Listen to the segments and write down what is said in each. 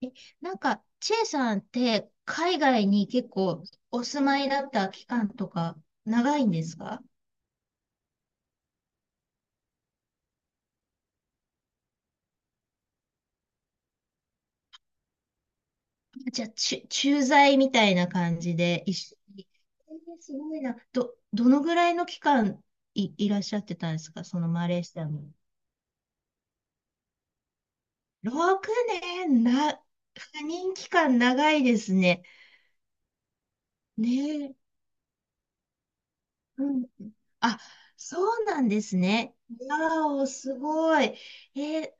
え、チェイさんって海外に結構お住まいだった期間とか長いんですか？じゃあ、駐在みたいな感じで一緒に。えーすごいな。どのぐらいの期間いらっしゃってたんですか？そのマレーシアに。6年赴任期間長いですね。ねえ。うん。あ、そうなんですね。わーお、すごい。ー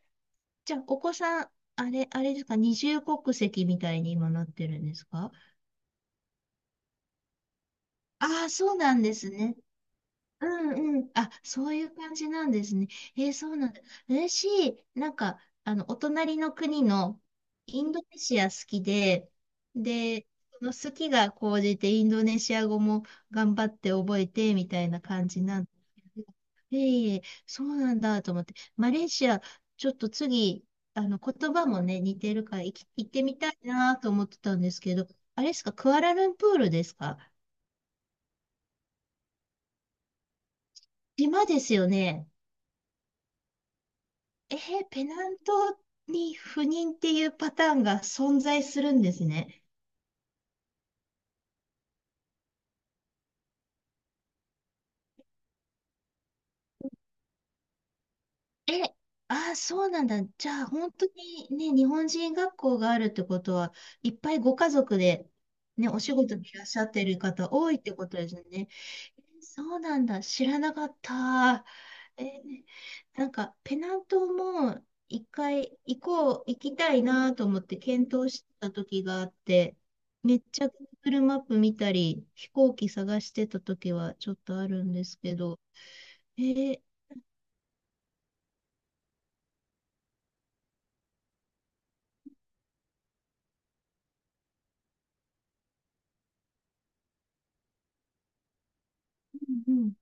じゃあ、お子さん、あれですか、二重国籍みたいに今なってるんですか？ああー、そうなんですね。うんうん。あ、そういう感じなんですね。そうなんだ。嬉しい。お隣の国のインドネシア好きで、で、その好きが高じてインドネシア語も頑張って覚えて、みたいな感じなんですけど。いえいえ、そうなんだと思って。マレーシア、ちょっと次、言葉もね、似てるから、行ってみたいなと思ってたんですけど、あれですか、クアラルンプールですか？島ですよね。えー、ペナントに不妊っていうパターンが存在するんですね。え、ああ、そうなんだ。じゃあ、本当にね、日本人学校があるってことは、いっぱいご家族で、ね、お仕事にいらっしゃってる方多いってことですね。えそうなんだ。知らなかった。えーなんか、ペナントも一回行こう、行きたいなと思って検討してた時があって、めっちゃ Google マップ見たり、飛行機探してた時はちょっとあるんですけど、えー、うんうん、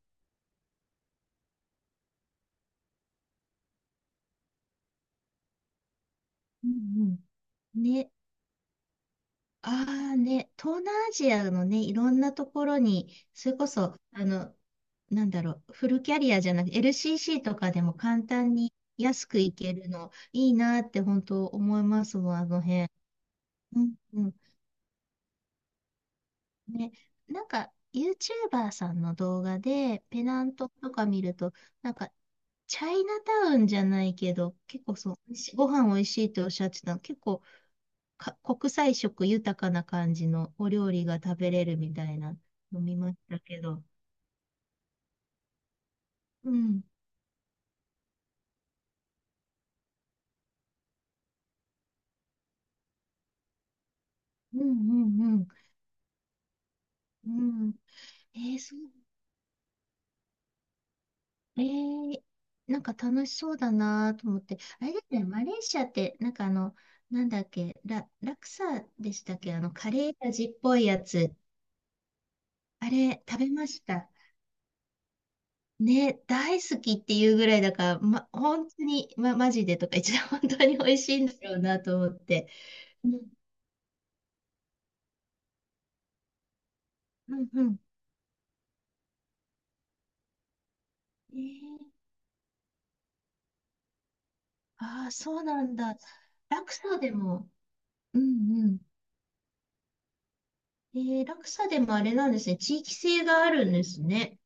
うんうん。ね、ああね、東南アジアのね、いろんなところに、それこそ、フルキャリアじゃなくて、LCC とかでも簡単に安く行けるの、いいなって本当思いますもん、あの辺。うんうん。ね、なんか、YouTuber さんの動画で、ペナントとか見ると、なんか、チャイナタウンじゃないけど、結構そう、しご飯美味しいっておっしゃってたの、結構か、国際色豊かな感じのお料理が食べれるみたいなの見ましたけど。うん、うん、うん、うん。うん、えー、そうえー、なんか楽しそうだなと思って。あれですね、マレーシアって、なんかあの、なんだっけ、ラクサでしたっけ、あの、カレー味っぽいやつ。あれ、食べました。ね、大好きっていうぐらいだから、本当に、マジでとか言っちゃう、本当に美味しいんだろうなと思って。うん、うん、うん。えー、ああ、そうなんだ。ラクサでも、うん、うん。えー、ラクサでもあれなんですね、地域性があるんですね。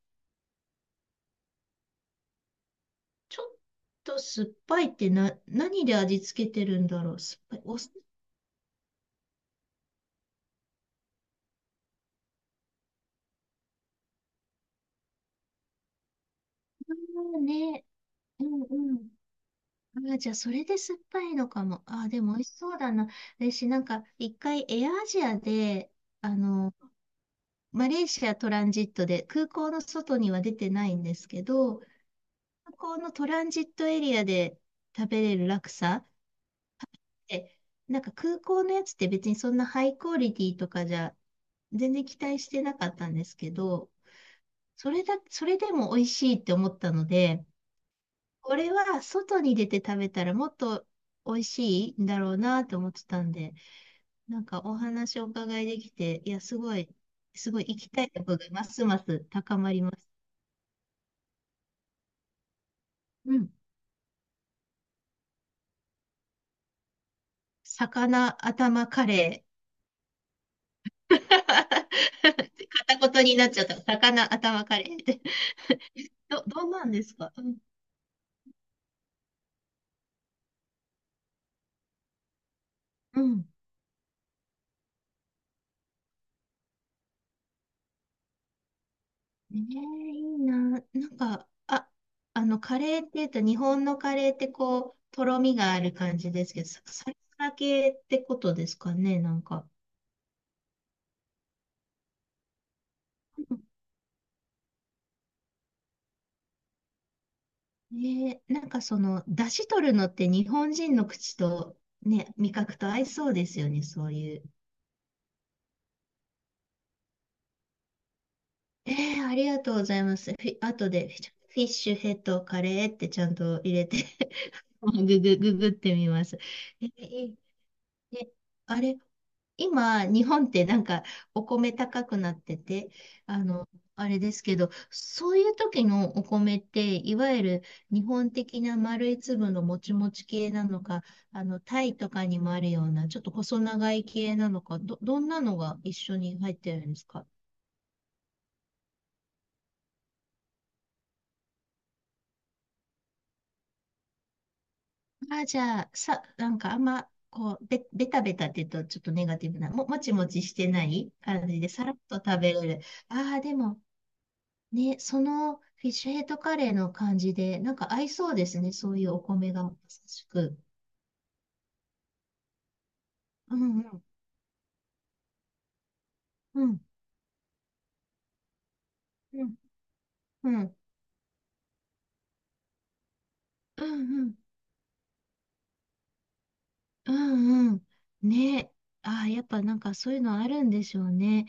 ちょっと酸っぱいってな、何で味付けてるんだろう。酸っぱい。お酢、ね。うんうん。あじゃあ、それで酸っぱいのかも。あでも美味しそうだな。私、なんか、一回、エアアジアで、あの、マレーシアトランジットで、空港の外には出てないんですけど、空港のトランジットエリアで食べれるラクサでなんか空港のやつって別にそんなハイクオリティとかじゃ全然期待してなかったんですけど、それでも美味しいって思ったので、これは外に出て食べたらもっと美味しいんだろうなと思ってたんで、なんかお話をお伺いできて、いや、すごい、すごい行きたい欲がますます高まります。うん。魚頭カレー。片言になっちゃった。魚頭カレーって。どうなんですか？うん。うんねえ、いいな。なんか、あ、カレーって言うと、日本のカレーってこう、とろみがある感じですけど、サラサラ系ってことですかね、なんか。ねえ、なんかその、出汁取るのって日本人の口と、ね、味覚と合いそうですよね、そういう。ええ、ありがとうございます。フィ、後でフィッシュヘッドカレーってちゃんと入れて ググってみます。ええ、いいね、あれ今、日本ってなんかお米高くなってて、あの、あれですけど、そういう時のお米って、いわゆる日本的な丸い粒のもちもち系なのか、あの、タイとかにもあるような、ちょっと細長い系なのか、どんなのが一緒に入ってるんですか？あ、じゃあ、さ、なんかあんま、こう、べ、ベタベタって言うとちょっとネガティブな、もちもちしてない感じで、さらっと食べれる。ああ、でも、ね、そのフィッシュヘッドカレーの感じで、なんか合いそうですね、そういうお米が、まさしく。うんうん、うん、うん、うん、うん、うん、うんうん。ね、ああ、やっぱなんかそういうのあるんでしょうね。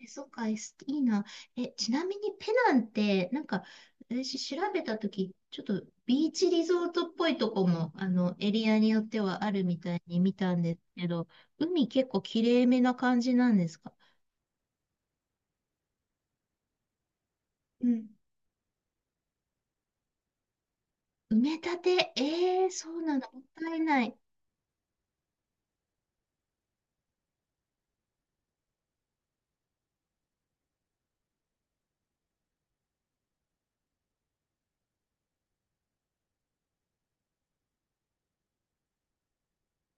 え、そっか、えすいいな。え、ちなみにペナンって、なんか、私調べたとき、ちょっとビーチリゾートっぽいとこも、あの、エリアによってはあるみたいに見たんですけど、海結構きれいめな感じなんですか？うん埋め立て、ええそうなんだ、もったいない。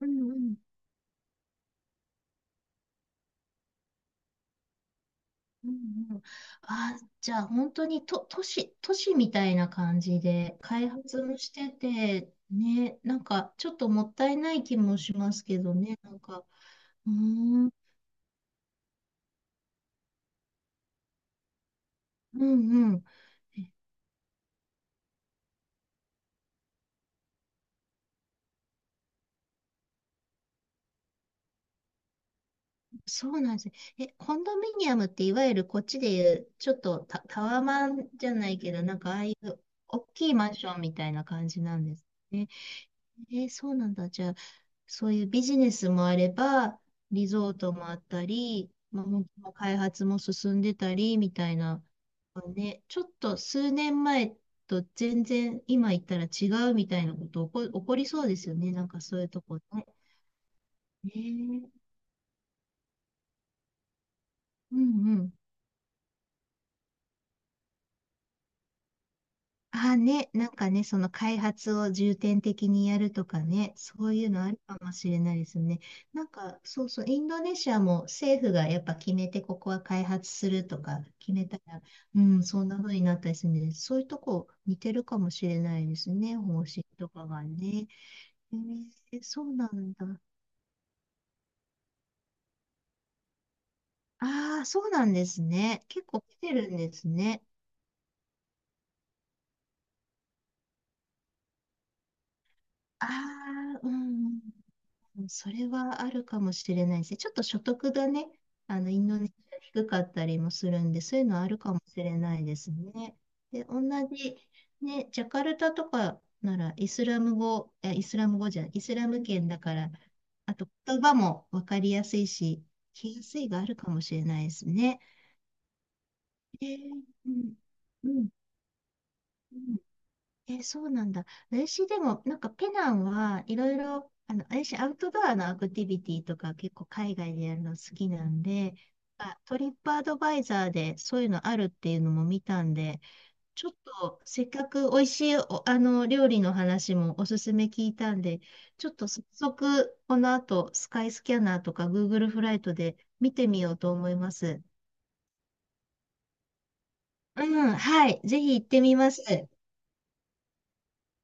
うんうん。うんうん、あー、じゃあ本当にと、都市、都市みたいな感じで開発もしてて、ね、なんかちょっともったいない気もしますけどね、なんか、うーん、うんうん。えそうなんですね。え、コンドミニアムっていわゆるこっちでいう、ちょっとタワマンじゃないけど、なんかああいう大きいマンションみたいな感じなんですね。えーそうなんだ。じゃあ、そういうビジネスもあれば、リゾートもあったり、まあ、本当の開発も進んでたり、みたいな、ね、ちょっと数年前と全然今言ったら違うみたいなこと起こりそうですよね。なんかそういうとこね。ねえうんうん。あ、ね、なんかね、その開発を重点的にやるとかね、そういうのあるかもしれないですね。そうそう、インドネシアも政府がやっぱ決めて、ここは開発するとか決めたら、うん、そんな風になったりするんで、そういうとこ似てるかもしれないですね、方針とかがね。えーそうなんだ。ああ、そうなんですね。結構来てるんですね。ああ、うん。それはあるかもしれないですね。ちょっと所得がね、あの、インドネシア低かったりもするんで、そういうのはあるかもしれないですね。で、同じ、ね、ジャカルタとかなら、イスラム語、いやイスラム語じゃない、イスラム圏だから、あと言葉もわかりやすいし、聞きやすいがあるかもしれないですね。えーうん、うん、うんえ、そうなんだ。私でも、なんかペナンはいろいろ、あの、私アウトドアのアクティビティとか結構海外でやるの好きなんで、あ、トリップアドバイザーでそういうのあるっていうのも見たんで、ちょっとせっかく美味しいお、あの、料理の話もおすすめ聞いたんで、ちょっと早速この後スカイスキャナーとか Google フライトで見てみようと思います。うん、はい。ぜひ行ってみます。